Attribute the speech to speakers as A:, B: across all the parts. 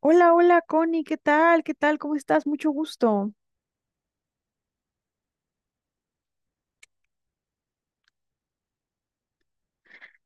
A: Hola, hola, Connie, ¿qué tal? ¿Qué tal? ¿Cómo estás? Mucho gusto.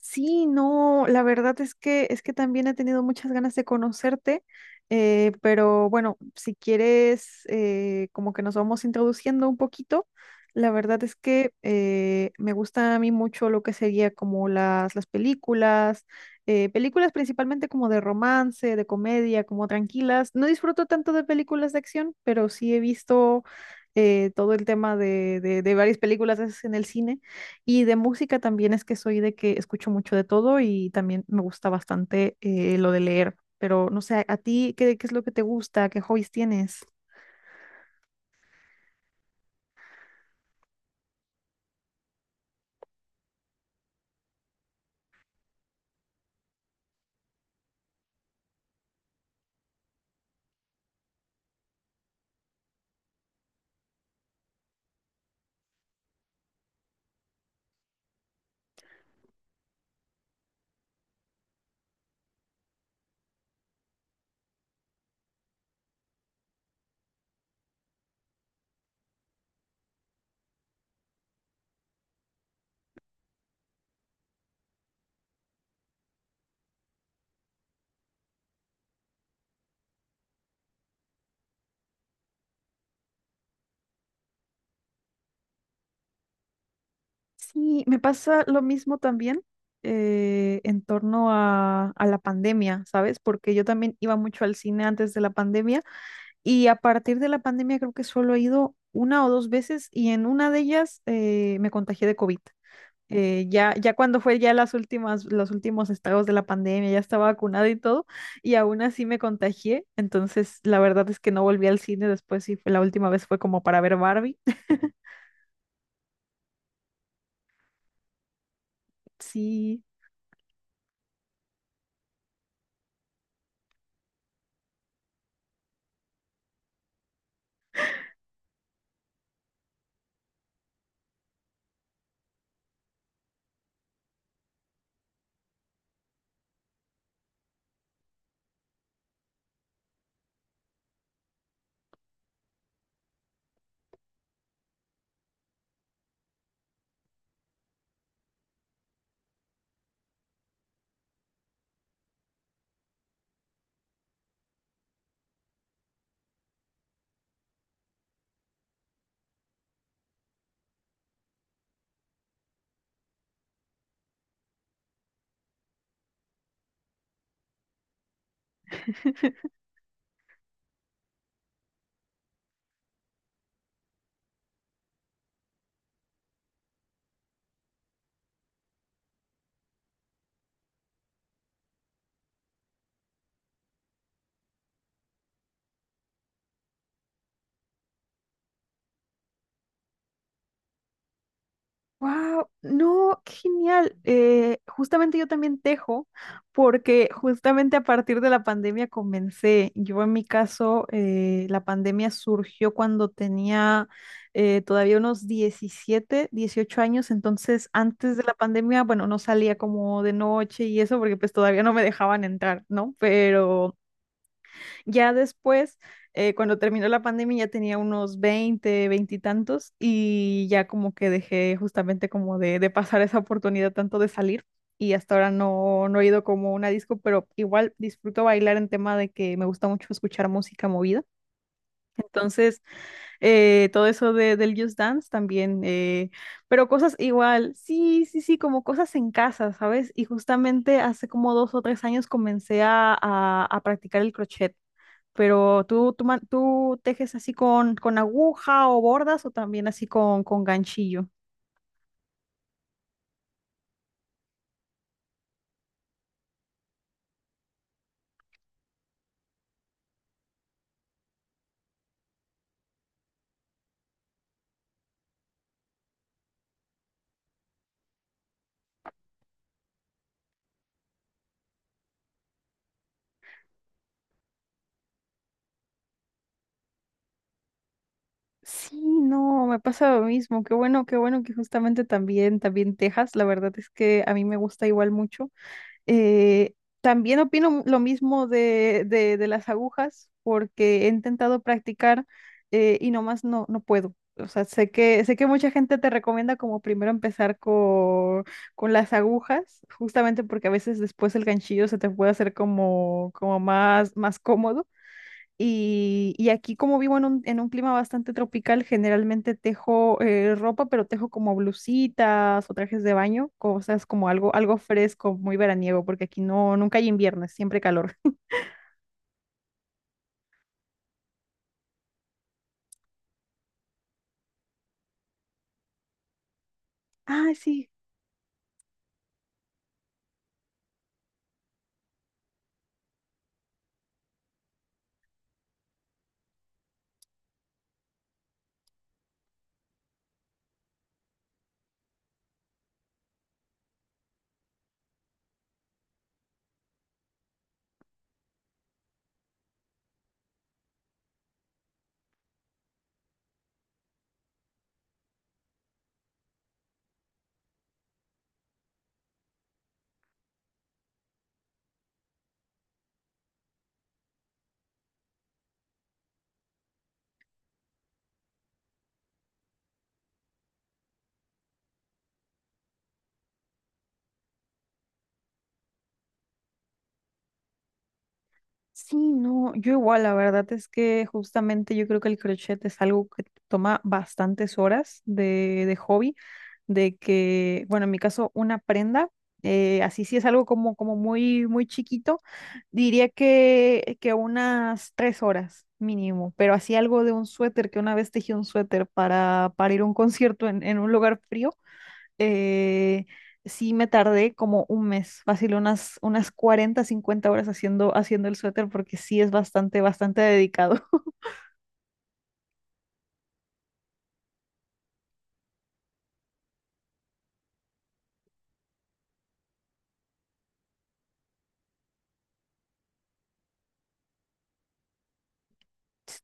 A: Sí, no, la verdad es que también he tenido muchas ganas de conocerte, pero bueno, si quieres, como que nos vamos introduciendo un poquito. La verdad es que me gusta a mí mucho lo que sería como las películas, películas principalmente como de romance, de comedia, como tranquilas. No disfruto tanto de películas de acción, pero sí he visto todo el tema de varias películas en el cine. Y de música también es que soy de que escucho mucho de todo y también me gusta bastante lo de leer. Pero no sé, ¿a ti qué es lo que te gusta? ¿Qué hobbies tienes? Sí, me pasa lo mismo también. En torno a la pandemia, ¿sabes? Porque yo también iba mucho al cine antes de la pandemia y a partir de la pandemia creo que solo he ido una o dos veces y en una de ellas me contagié de COVID. Ya, ya cuando fue ya los últimos estados de la pandemia, ya estaba vacunada y todo, y aún así me contagié, entonces la verdad es que no volví al cine después y la última vez fue como para ver Barbie. Sí. Wow, no, qué genial. Justamente yo también tejo, porque justamente a partir de la pandemia comencé. Yo en mi caso, la pandemia surgió cuando tenía todavía unos 17, 18 años. Entonces antes de la pandemia, bueno, no salía como de noche y eso, porque pues todavía no me dejaban entrar, ¿no? Pero ya después, cuando terminó la pandemia, ya tenía unos 20 20 y tantos, y ya como que dejé justamente como de pasar esa oportunidad tanto de salir, y hasta ahora no, no he ido como a una disco, pero igual disfruto bailar en tema de que me gusta mucho escuchar música movida. Entonces, todo eso de, del Just Dance también, pero cosas igual, sí, sí, sí, como cosas en casa, ¿sabes? Y justamente hace como dos o tres años comencé a practicar el crochet. Pero tú tejes así con aguja o bordas o también así con ganchillo. Sí, no, me pasa lo mismo. Qué bueno que justamente también, también tejas. La verdad es que a mí me gusta igual mucho. Eh, también opino lo mismo de las agujas, porque he intentado practicar, y nomás no, no puedo. O sea, sé que mucha gente te recomienda como primero empezar con las agujas, justamente porque a veces después el ganchillo se te puede hacer como, como más cómodo. Y aquí como vivo en en un clima bastante tropical, generalmente tejo ropa, pero tejo como blusitas o trajes de baño, cosas como algo, algo fresco, muy veraniego, porque aquí no, nunca hay invierno, es siempre calor. Ah, sí, sí, no, yo igual, la verdad es que justamente yo creo que el crochet es algo que toma bastantes horas de hobby, de que, bueno, en mi caso, una prenda. Eh, así sí es algo como, como muy, muy chiquito. Diría que unas tres horas mínimo, pero así algo de un suéter, que una vez tejí un suéter para ir a un concierto en un lugar frío. Eh, sí me tardé como un mes, fácil unas, unas 40, 50 horas haciendo, haciendo el suéter porque sí es bastante, bastante dedicado.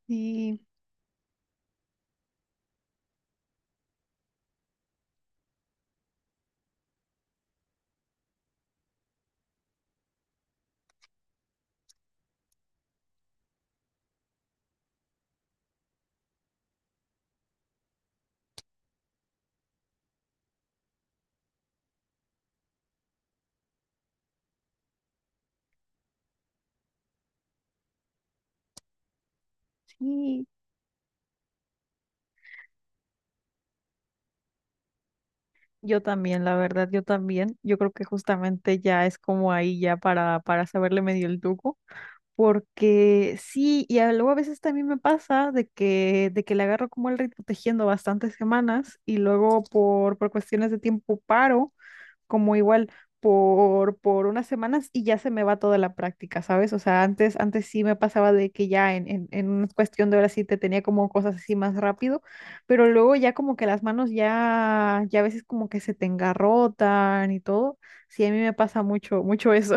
A: Sí, sí, yo también, la verdad, yo también. Yo creo que justamente ya es como ahí ya para saberle medio el truco. Porque sí, y luego a veces también me pasa de que le agarro como el ritmo tejiendo bastantes semanas y luego por cuestiones de tiempo paro, como igual por unas semanas y ya se me va toda la práctica, ¿sabes? O sea, antes sí me pasaba de que ya en una cuestión de horas sí te tenía como cosas así más rápido, pero luego ya como que las manos ya, ya a veces como que se te engarrotan y todo. Sí, a mí me pasa mucho, mucho eso.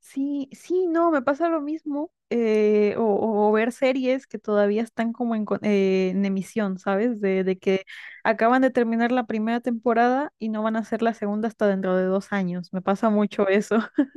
A: Sí, sí, no, me pasa lo mismo. Eh, o ver series que todavía están como en, en emisión, ¿sabes? De que acaban de terminar la primera temporada y no van a hacer la segunda hasta dentro de 2 años. Me pasa mucho eso.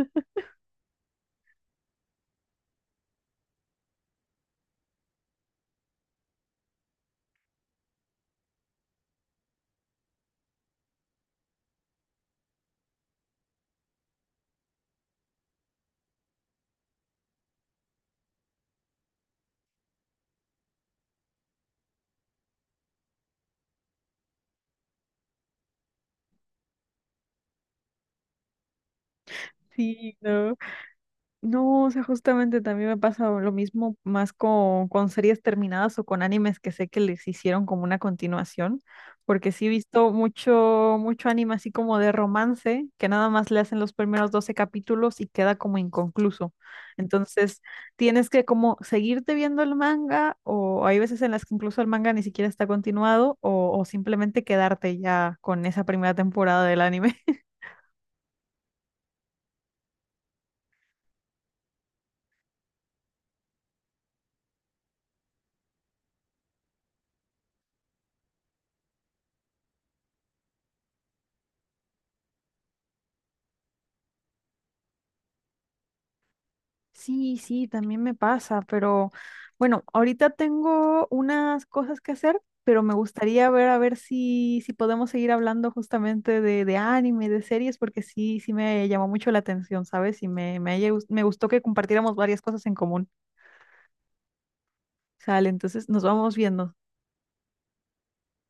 A: Sí, no. No, o sea, justamente también me pasa lo mismo más con series terminadas o con animes que sé que les hicieron como una continuación, porque sí he visto mucho, mucho anime así como de romance, que nada más le hacen los primeros 12 capítulos y queda como inconcluso. Entonces, tienes que como seguirte viendo el manga, o hay veces en las que incluso el manga ni siquiera está continuado, o simplemente quedarte ya con esa primera temporada del anime. Sí, sí, también me pasa, pero bueno, ahorita tengo unas cosas que hacer, pero me gustaría ver a ver si, si podemos seguir hablando justamente de anime, de series, porque sí, sí me llamó mucho la atención, ¿sabes? Y me gustó que compartiéramos varias cosas en común. Sale, entonces nos vamos viendo.